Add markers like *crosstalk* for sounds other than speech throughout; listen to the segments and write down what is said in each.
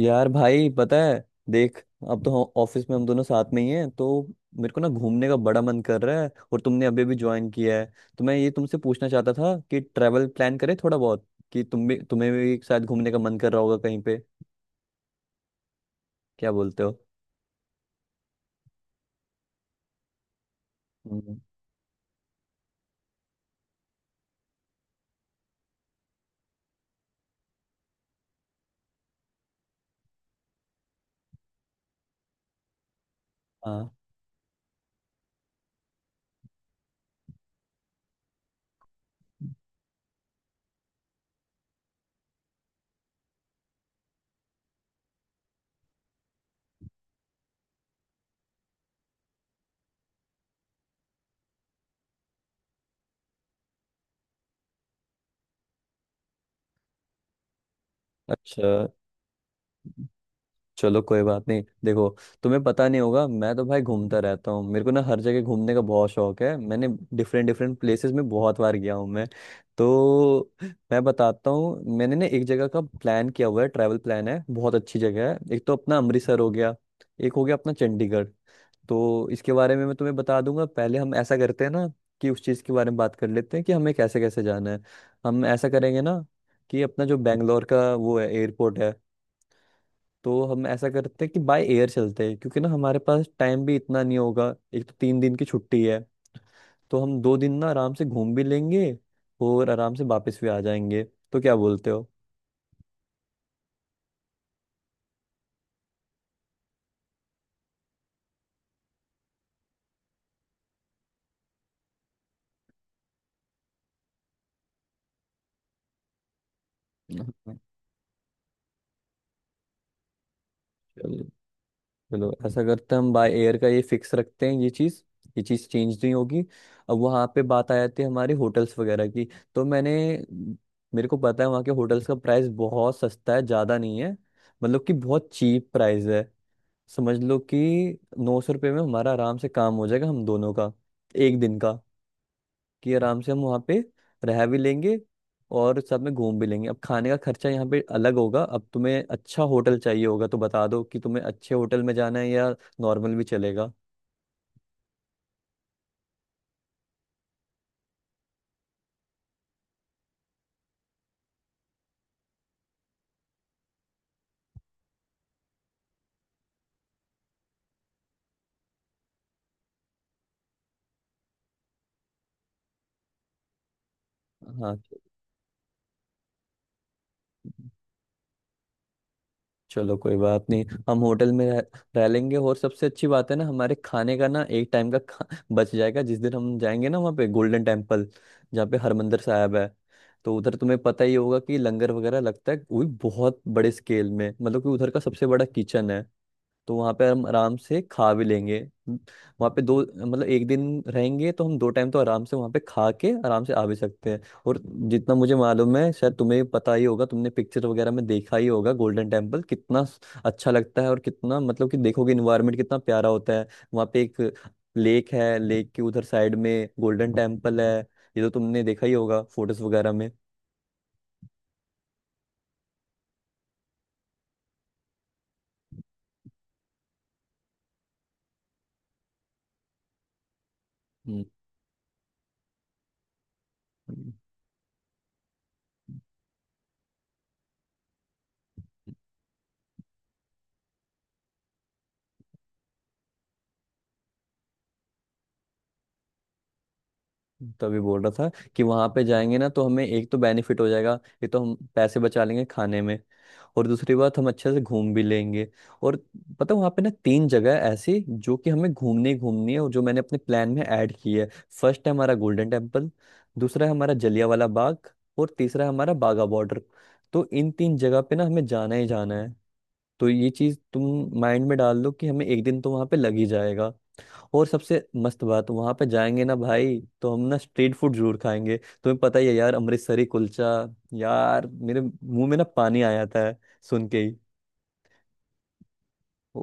यार भाई पता है। देख, अब तो ऑफिस में हम दोनों साथ में ही हैं तो मेरे को ना घूमने का बड़ा मन कर रहा है, और तुमने अभी भी ज्वाइन किया है तो मैं ये तुमसे पूछना चाहता था कि ट्रैवल प्लान करें थोड़ा बहुत, कि तुम भी तुम्हें भी शायद घूमने का मन कर रहा होगा कहीं पे। क्या बोलते हो? हम्म। हाँ। अच्छा। चलो, कोई बात नहीं। देखो, तुम्हें पता नहीं होगा, मैं तो भाई घूमता रहता हूँ, मेरे को ना हर जगह घूमने का बहुत शौक है। मैंने डिफरेंट डिफरेंट प्लेसेस में बहुत बार गया हूँ मैं। तो मैं बताता हूँ, मैंने ना एक जगह का प्लान किया हुआ है, ट्रैवल प्लान है, बहुत अच्छी जगह है। एक तो अपना अमृतसर हो गया, एक हो गया अपना चंडीगढ़। तो इसके बारे में मैं तुम्हें बता दूंगा। पहले हम ऐसा करते हैं ना कि उस चीज़ के बारे में बात कर लेते हैं कि हमें कैसे कैसे जाना है। हम ऐसा करेंगे ना कि अपना जो बेंगलोर का वो है एयरपोर्ट है, तो हम ऐसा करते हैं कि बाय एयर चलते हैं, क्योंकि ना हमारे पास टाइम भी इतना नहीं होगा। एक तो 3 दिन की छुट्टी है, तो हम 2 दिन ना आराम से घूम भी लेंगे और आराम से वापस भी आ जाएंगे। तो क्या बोलते हो? *laughs* हाँ। चलो, चलो ऐसा करते हैं, हम बाय एयर का ये फिक्स रखते हैं ये चीज़। ये चीज़ चेंज नहीं होगी। अब वहाँ पे बात आ जाती है हमारे होटल्स वगैरह की। तो मैंने, मेरे को पता है वहाँ के होटल्स का प्राइस बहुत सस्ता है, ज़्यादा नहीं है। मतलब कि बहुत चीप प्राइस है। समझ लो कि 900 रुपये में हमारा आराम से काम हो जाएगा हम दोनों का, एक दिन का, कि आराम से हम वहाँ पे रह भी लेंगे और सब में घूम भी लेंगे। अब खाने का खर्चा यहाँ पे अलग होगा। अब तुम्हें अच्छा होटल चाहिए होगा तो बता दो कि तुम्हें अच्छे होटल में जाना है या नॉर्मल भी चलेगा। हाँ। चलो, कोई बात नहीं, हम होटल में रह लेंगे। और सबसे अच्छी बात है ना, हमारे खाने का ना एक टाइम का *laughs* बच जाएगा। जिस दिन हम जाएंगे ना वहाँ पे गोल्डन टेम्पल जहाँ पे हरमंदिर साहब है, तो उधर तुम्हें पता ही होगा कि लंगर वगैरह लगता है, वो भी बहुत बड़े स्केल में। मतलब कि उधर का सबसे बड़ा किचन है। तो वहाँ पे हम आराम से खा भी लेंगे। वहाँ पे दो मतलब एक दिन रहेंगे तो हम 2 टाइम तो आराम से वहाँ पे खा के आराम से आ भी सकते हैं। और जितना मुझे मालूम है, शायद तुम्हें भी पता ही होगा, तुमने पिक्चर वगैरह में देखा ही होगा गोल्डन टेम्पल कितना अच्छा लगता है, और कितना मतलब कि देखोगे, इन्वायरमेंट कितना प्यारा होता है। वहाँ पे एक लेक है, लेक के उधर साइड में गोल्डन टेम्पल है। ये तो तुमने देखा ही होगा फोटोज वगैरह में। हम्म। तभी बोल रहा था कि वहां पे जाएंगे ना तो हमें एक तो बेनिफिट हो जाएगा, ये तो हम पैसे बचा लेंगे खाने में। और दूसरी बात, हम अच्छे से घूम भी लेंगे। और पता, वहाँ पे ना तीन जगह है ऐसी जो कि हमें घूमनी ही घूमनी है और जो मैंने अपने प्लान में ऐड की है। फर्स्ट है हमारा गोल्डन टेम्पल, दूसरा है हमारा जलियांवाला बाग, और तीसरा है हमारा बागा बॉर्डर। तो इन तीन जगह पे ना हमें जाना ही जाना है। तो ये चीज़ तुम माइंड में डाल लो कि हमें एक दिन तो वहाँ पे लग ही जाएगा। और सबसे मस्त बात, वहां पे जाएंगे ना भाई तो हम ना स्ट्रीट फूड जरूर खाएंगे। तुम्हें पता ही है यार, अमृतसरी कुलचा, यार मेरे मुंह में ना पानी आ जाता है सुन के ही।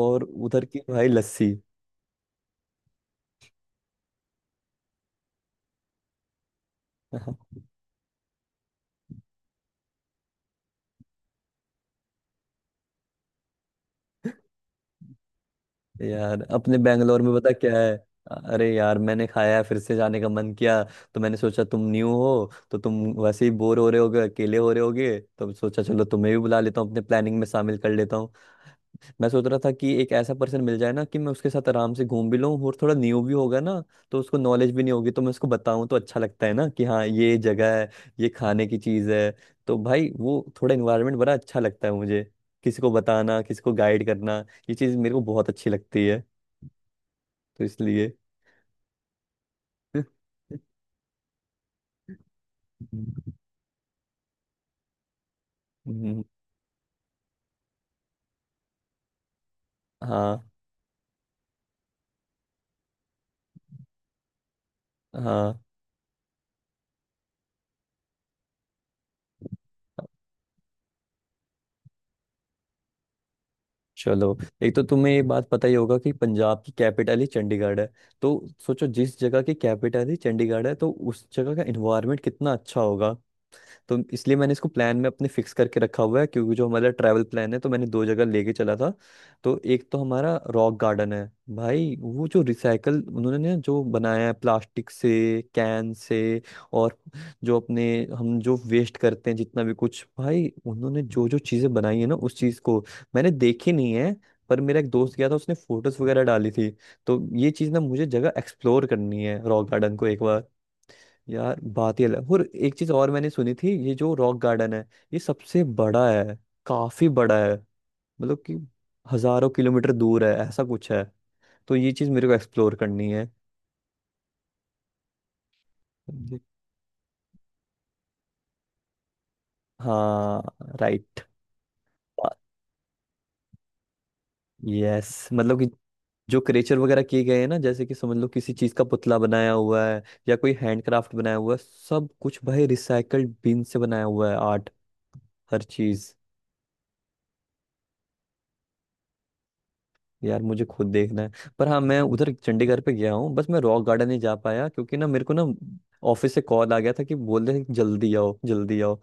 और उधर की भाई लस्सी। *laughs* यार अपने बेंगलोर में पता क्या है। अरे यार मैंने खाया है, फिर से जाने का मन किया। तो मैंने सोचा तुम न्यू हो, तो तुम वैसे ही बोर हो रहे होगे, अकेले हो रहे होगे, तो सोचा चलो तुम्हें भी बुला लेता हूँ अपने प्लानिंग में शामिल कर लेता हूँ। मैं सोच रहा था कि एक ऐसा पर्सन मिल जाए ना कि मैं उसके साथ आराम से घूम भी लूँ, और थोड़ा न्यू भी होगा ना, तो उसको नॉलेज भी नहीं होगी, तो मैं उसको बताऊँ तो अच्छा लगता है ना कि हाँ ये जगह है, ये खाने की चीज़ है। तो भाई वो थोड़ा इन्वायरमेंट बड़ा अच्छा लगता है मुझे, किसी को बताना, किसी को गाइड करना, ये चीज़ मेरे को बहुत अच्छी लगती है। तो इसलिए। *laughs* हम्म। हाँ। हाँ। चलो, एक तो तुम्हें ये बात पता ही होगा कि पंजाब की कैपिटल ही चंडीगढ़ है। तो सोचो, जिस जगह की कैपिटल ही चंडीगढ़ है तो उस जगह का एनवायरनमेंट कितना अच्छा होगा। तो इसलिए मैंने इसको प्लान में अपने फिक्स करके रखा हुआ है, क्योंकि जो हमारा ट्रैवल प्लान है, तो मैंने दो जगह लेके चला था। तो एक तो हमारा रॉक गार्डन है, भाई वो जो रिसाइकल उन्होंने ना जो बनाया है प्लास्टिक से कैन से, और जो अपने हम जो वेस्ट करते हैं जितना भी कुछ, भाई उन्होंने जो जो चीज़ें बनाई है ना उस चीज़ को मैंने देखी नहीं है, पर मेरा एक दोस्त गया था उसने फोटोज वगैरह डाली थी। तो ये चीज़ ना मुझे जगह एक्सप्लोर करनी है, रॉक गार्डन को एक बार। यार बात ही अलग है। और एक चीज और मैंने सुनी थी, ये जो रॉक गार्डन है ये सबसे बड़ा है, काफी बड़ा है। मतलब कि हजारों किलोमीटर दूर है, ऐसा कुछ है। तो ये चीज मेरे को एक्सप्लोर करनी है। जी। हाँ। राइट। यस, मतलब कि जो क्रेचर वगैरह किए गए हैं ना जैसे कि समझ लो किसी चीज का पुतला बनाया हुआ है या कोई हैंडक्राफ्ट बनाया हुआ है, सब कुछ भाई रिसाइकल्ड बिन से बनाया हुआ है, आर्ट, हर चीज। यार मुझे खुद देखना है। पर हाँ मैं उधर चंडीगढ़ पे गया हूँ, बस मैं रॉक गार्डन नहीं जा पाया क्योंकि ना मेरे को ना ऑफिस से कॉल आ गया था, कि बोल रहे हैं कि जल्दी आओ जल्दी आओ,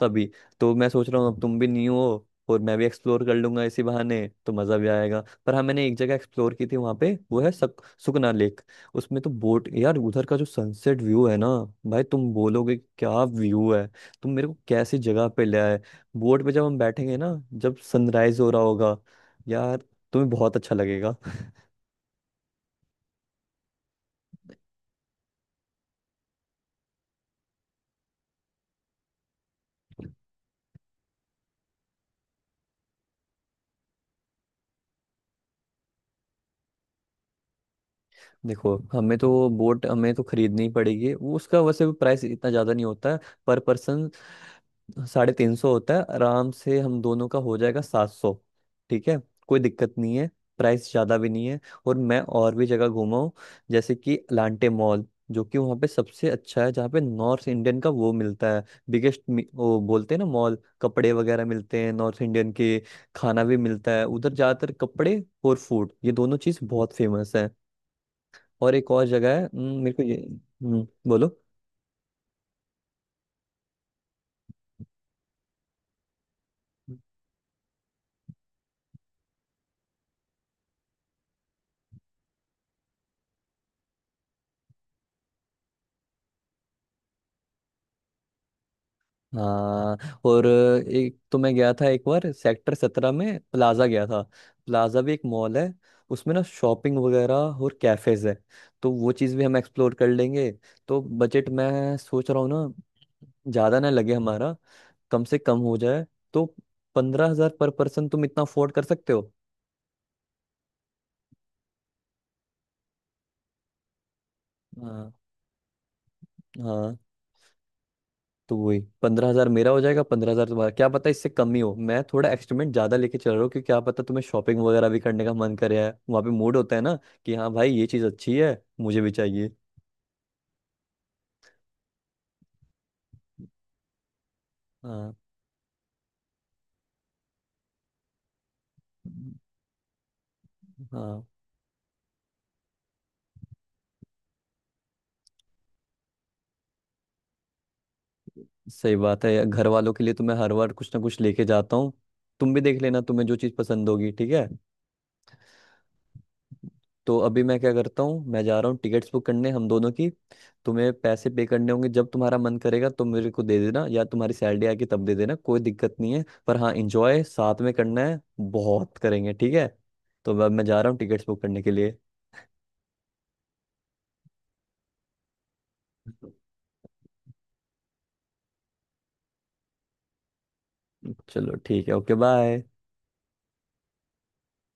तभी। तो मैं सोच रहा हूँ, अब तुम भी न्यू हो और मैं भी एक्सप्लोर कर लूंगा इसी बहाने, तो मज़ा भी आएगा। पर हाँ मैंने एक जगह एक्सप्लोर की थी वहाँ पे, वो है सुकना लेक। उसमें तो बोट, यार उधर का जो सनसेट व्यू है ना, भाई तुम बोलोगे कि क्या व्यू है, तुम मेरे को कैसी जगह पे ले आए। बोट पे जब हम बैठेंगे ना, जब सनराइज हो रहा होगा, यार तुम्हें बहुत अच्छा लगेगा। देखो हमें तो बोट हमें तो खरीदनी ही पड़ेगी, वो उसका वैसे प्राइस इतना ज़्यादा नहीं होता है। पर पर्सन 350 होता है, आराम से हम दोनों का हो जाएगा 700। ठीक है, कोई दिक्कत नहीं है, प्राइस ज़्यादा भी नहीं है। और मैं और भी जगह घूमा हूँ, जैसे कि अलांटे मॉल, जो कि वहाँ पे सबसे अच्छा है, जहाँ पे नॉर्थ इंडियन का वो मिलता है, बिगेस्ट, वो बोलते हैं ना मॉल, कपड़े वगैरह मिलते हैं नॉर्थ इंडियन के, खाना भी मिलता है उधर। ज़्यादातर कपड़े और फूड ये दोनों चीज़ बहुत फेमस है। और एक और जगह है, मेरे को ये, बोलो। हाँ, और एक तो मैं गया था एक बार सेक्टर 17 में, प्लाजा गया था, प्लाजा भी एक मॉल है। उसमें ना शॉपिंग वगैरह और कैफेज है, तो वो चीज़ भी हम एक्सप्लोर कर लेंगे। तो बजट मैं सोच रहा हूँ ना ज़्यादा ना लगे हमारा, कम से कम हो जाए। तो 15,000 पर पर्सन तुम इतना अफोर्ड कर सकते हो? हाँ। हाँ। तो वही 15,000 मेरा हो जाएगा, 15,000 तुम्हारा, क्या पता इससे कम ही हो। मैं थोड़ा एक्सपेरिमेंट ज्यादा लेके चल रहा हूँ क्योंकि क्या पता तुम्हें शॉपिंग वगैरह भी करने का मन करे, है वहाँ पे मूड होता है ना कि हाँ भाई ये चीज अच्छी है, मुझे भी चाहिए। हाँ। हाँ। सही बात है, घर वालों के लिए तो मैं हर बार कुछ ना कुछ लेके जाता हूँ। तुम भी देख लेना तुम्हें जो चीज पसंद होगी, ठीक है। तो अभी मैं क्या करता हूँ, मैं जा रहा हूँ टिकट्स बुक करने, हम दोनों की। तुम्हें पैसे पे करने होंगे, जब तुम्हारा मन करेगा तो मेरे को दे देना, या तुम्हारी सैलरी आके तब दे देना, कोई दिक्कत नहीं है। पर हाँ, इंजॉय साथ में करना है, बहुत करेंगे, ठीक है। तो अब मैं जा रहा हूँ टिकट्स बुक करने के लिए। चलो ठीक है, ओके, बाय।